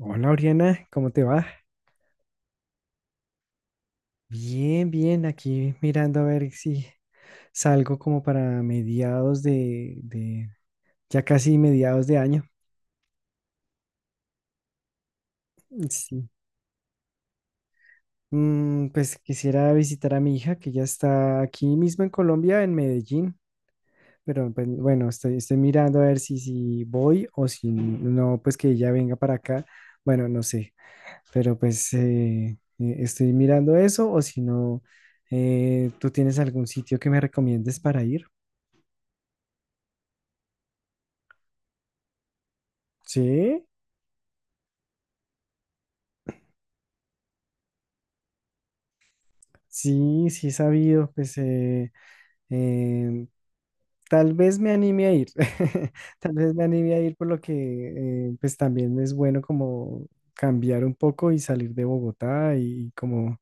Hola, Oriana, ¿cómo te va? Bien, bien, aquí mirando a ver si salgo como para mediados de, ya casi mediados de año. Sí. Pues quisiera visitar a mi hija que ya está aquí mismo en Colombia, en Medellín, pero pues, bueno, estoy mirando a ver si, si voy o si no, pues que ella venga para acá. Bueno, no sé, pero pues estoy mirando eso o si no, ¿tú tienes algún sitio que me recomiendes para ir? Sí, sí, sí he sabido, pues em, tal vez me anime a ir, tal vez me anime a ir por lo que pues también es bueno como cambiar un poco y salir de Bogotá y, como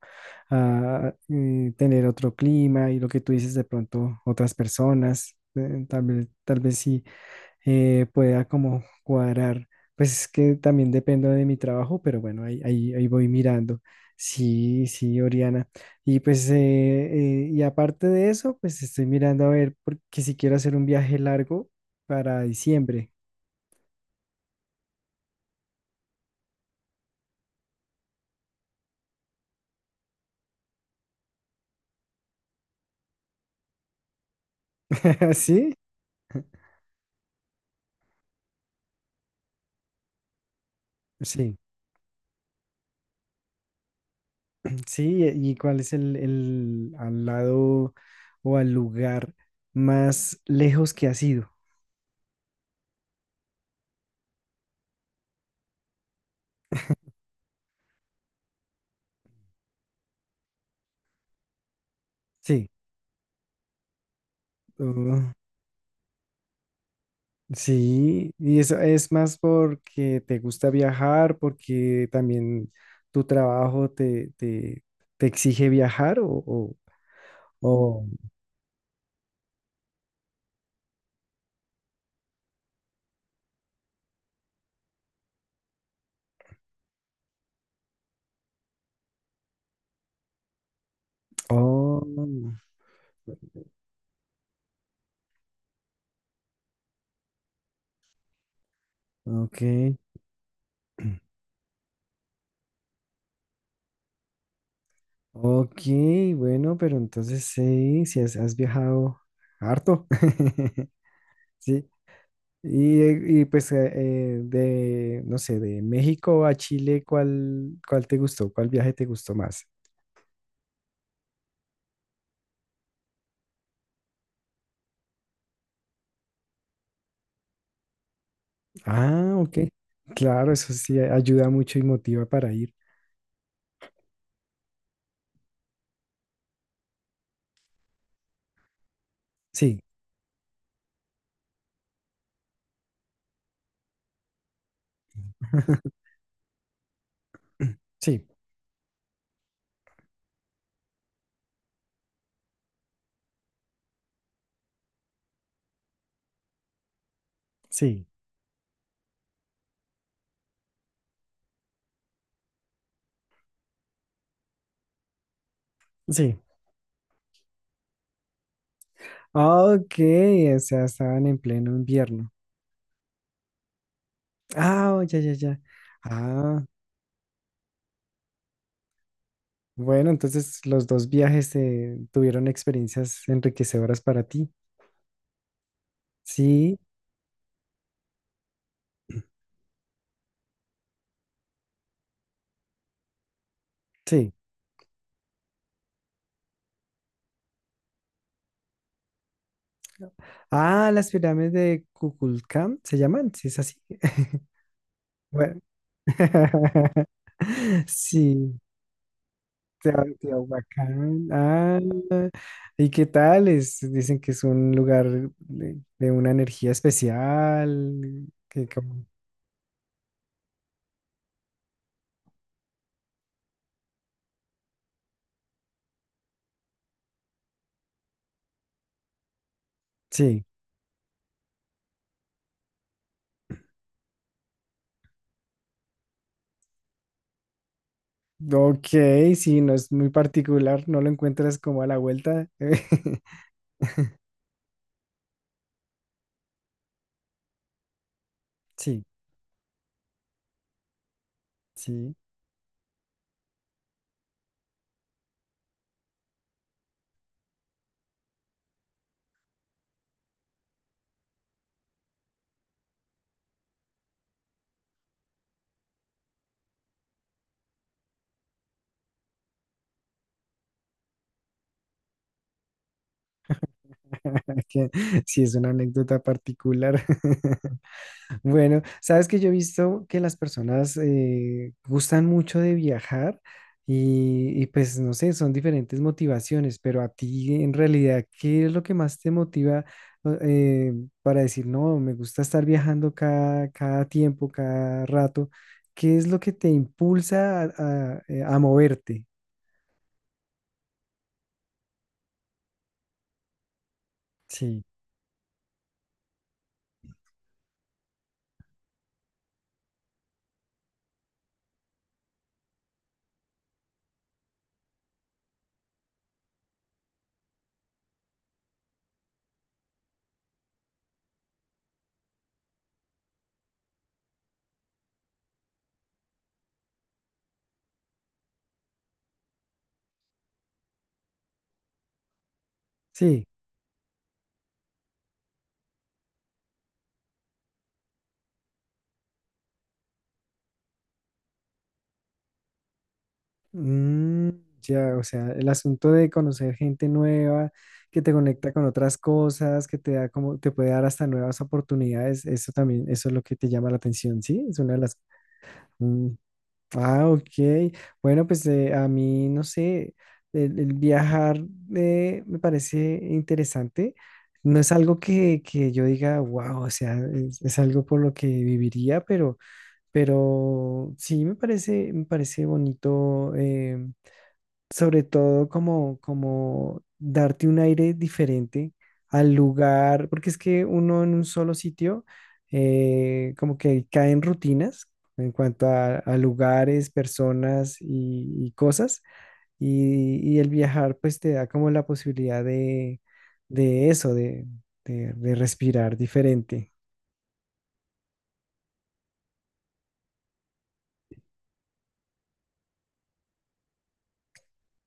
tener otro clima y lo que tú dices de pronto otras personas, tal vez sí pueda como cuadrar. Pues es que también dependo de mi trabajo, pero bueno, ahí voy mirando. Sí, sí, Oriana. Y pues, y aparte de eso, pues estoy mirando a ver, porque si quiero hacer un viaje largo para diciembre. ¿Sí? Sí, sí. ¿Y cuál es el al lado o al lugar más lejos que ha sido? Sí. Sí, y eso es más porque te gusta viajar, porque también tu trabajo te exige viajar oh, ok. Ok, bueno, pero entonces sí, si has viajado harto. Sí, y pues de, no sé, de México a Chile, ¿cuál te gustó? ¿Cuál viaje te gustó más? Ah, ok. Claro, eso sí ayuda mucho y motiva para ir. Sí, sí, sí, sí. Ah, ok, o sea, estaban en pleno invierno. Ah, oh, ya, ya, ya. Ah, bueno, entonces los dos viajes tuvieron experiencias enriquecedoras para ti. Sí, sí. Ah, las pirámides de Kukulcán se llaman, sí, es así. Bueno. Sí, Teotihuacán. Ah, ¿y qué tal? Dicen que es un lugar de una energía especial. Que como. Sí. Ok, sí, no es muy particular, no lo encuentras como a la vuelta. Sí, sí. que Sí, es una anécdota particular. Bueno, sabes que yo he visto que las personas gustan mucho de viajar y pues no sé, son diferentes motivaciones, pero a ti en realidad, ¿qué es lo que más te motiva o- eh, para decir, no, me gusta estar viajando cada tiempo, cada rato? ¿Qué es lo que te impulsa a, a moverte? Sí, sí. Mm, ya, o sea, el asunto de conocer gente nueva, que te conecta con otras cosas, que te da como, te puede dar hasta nuevas oportunidades, eso también, eso es lo que te llama la atención, ¿sí? Es una de las. Mm, ah, ok. Bueno, pues a mí, no sé, el viajar me parece interesante. No es algo que yo diga, wow, o sea, es algo por lo que viviría, pero sí me parece bonito. Sobre todo como, como darte un aire diferente al lugar, porque es que uno en un solo sitio como que cae en rutinas en cuanto a lugares, personas y cosas, y el viajar pues te da como la posibilidad de eso, de, de respirar diferente.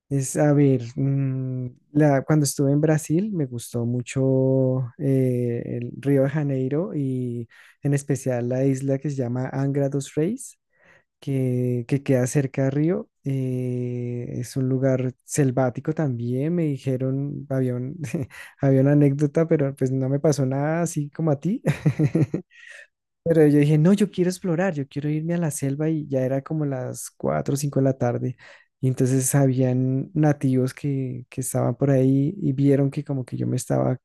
A ver, cuando estuve en Brasil me gustó mucho el Río de Janeiro y en especial la isla que se llama Angra dos Reis, que queda cerca de Río. Es un lugar selvático también, me dijeron, había una anécdota, pero pues no me pasó nada así como a ti. Pero yo dije, no, yo quiero explorar, yo quiero irme a la selva y ya era como las 4 o 5 de la tarde. Y entonces habían nativos que estaban por ahí y vieron que como que yo me estaba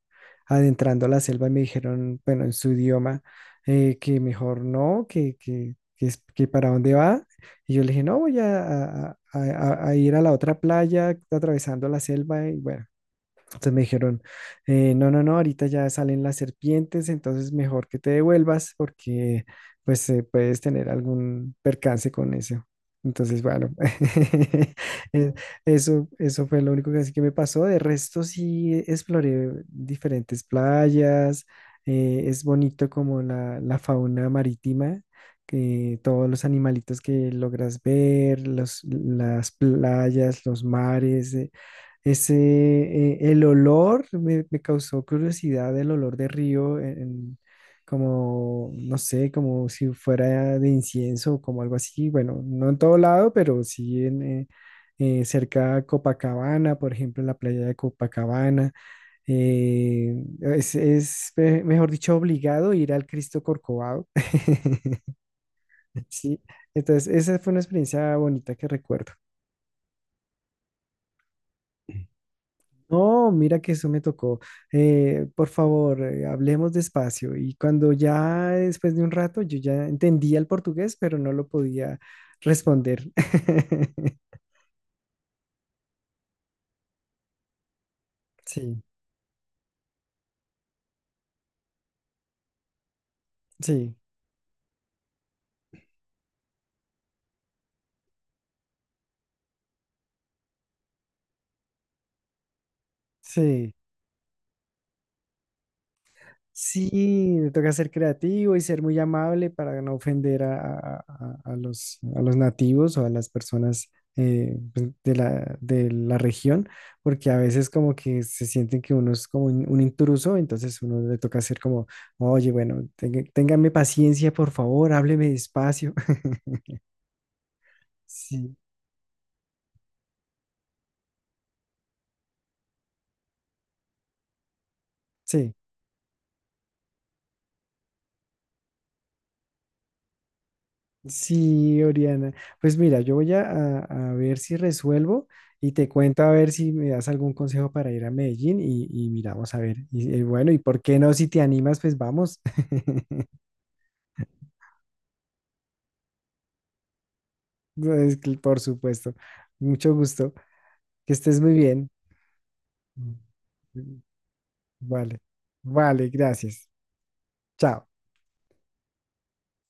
adentrando a la selva y me dijeron, bueno, en su idioma, que mejor no, que para dónde va. Y yo le dije, no, voy a ir a la otra playa atravesando la selva y bueno. Entonces me dijeron, no, no, no, ahorita ya salen las serpientes, entonces mejor que te devuelvas porque pues puedes tener algún percance con eso. Entonces, bueno, eh, eso fue lo único que, así que me pasó. De resto sí exploré diferentes playas, es bonito como la fauna marítima, que todos los animalitos que logras ver, las playas, los mares. El olor me causó curiosidad, el olor de río, como, no sé, como si fuera de incienso, o como algo así. Bueno, no en todo lado, pero sí cerca a Copacabana, por ejemplo, en la playa de Copacabana. Eh, mejor dicho, obligado ir al Cristo Corcovado. Sí, entonces esa fue una experiencia bonita que recuerdo. No, mira que eso me tocó. Por favor, hablemos despacio. Y cuando ya después de un rato yo ya entendía el portugués, pero no lo podía responder. Sí, sí, sí. Sí, te toca ser creativo y ser muy amable para no ofender a los nativos o a las personas pues, de la región, porque a veces como que se sienten que uno es como un intruso, entonces uno le toca ser como, oye, bueno, téngame paciencia, por favor, hábleme despacio. Sí, sí. Sí, Oriana. Pues mira, yo voy a ver si resuelvo y te cuento a ver si me das algún consejo para ir a Medellín y miramos a ver. Y bueno, y por qué no, si te animas, pues vamos. Pues, por supuesto. Mucho gusto. Que estés muy bien. Mm. Mm, vale. Vale, gracias. Chao.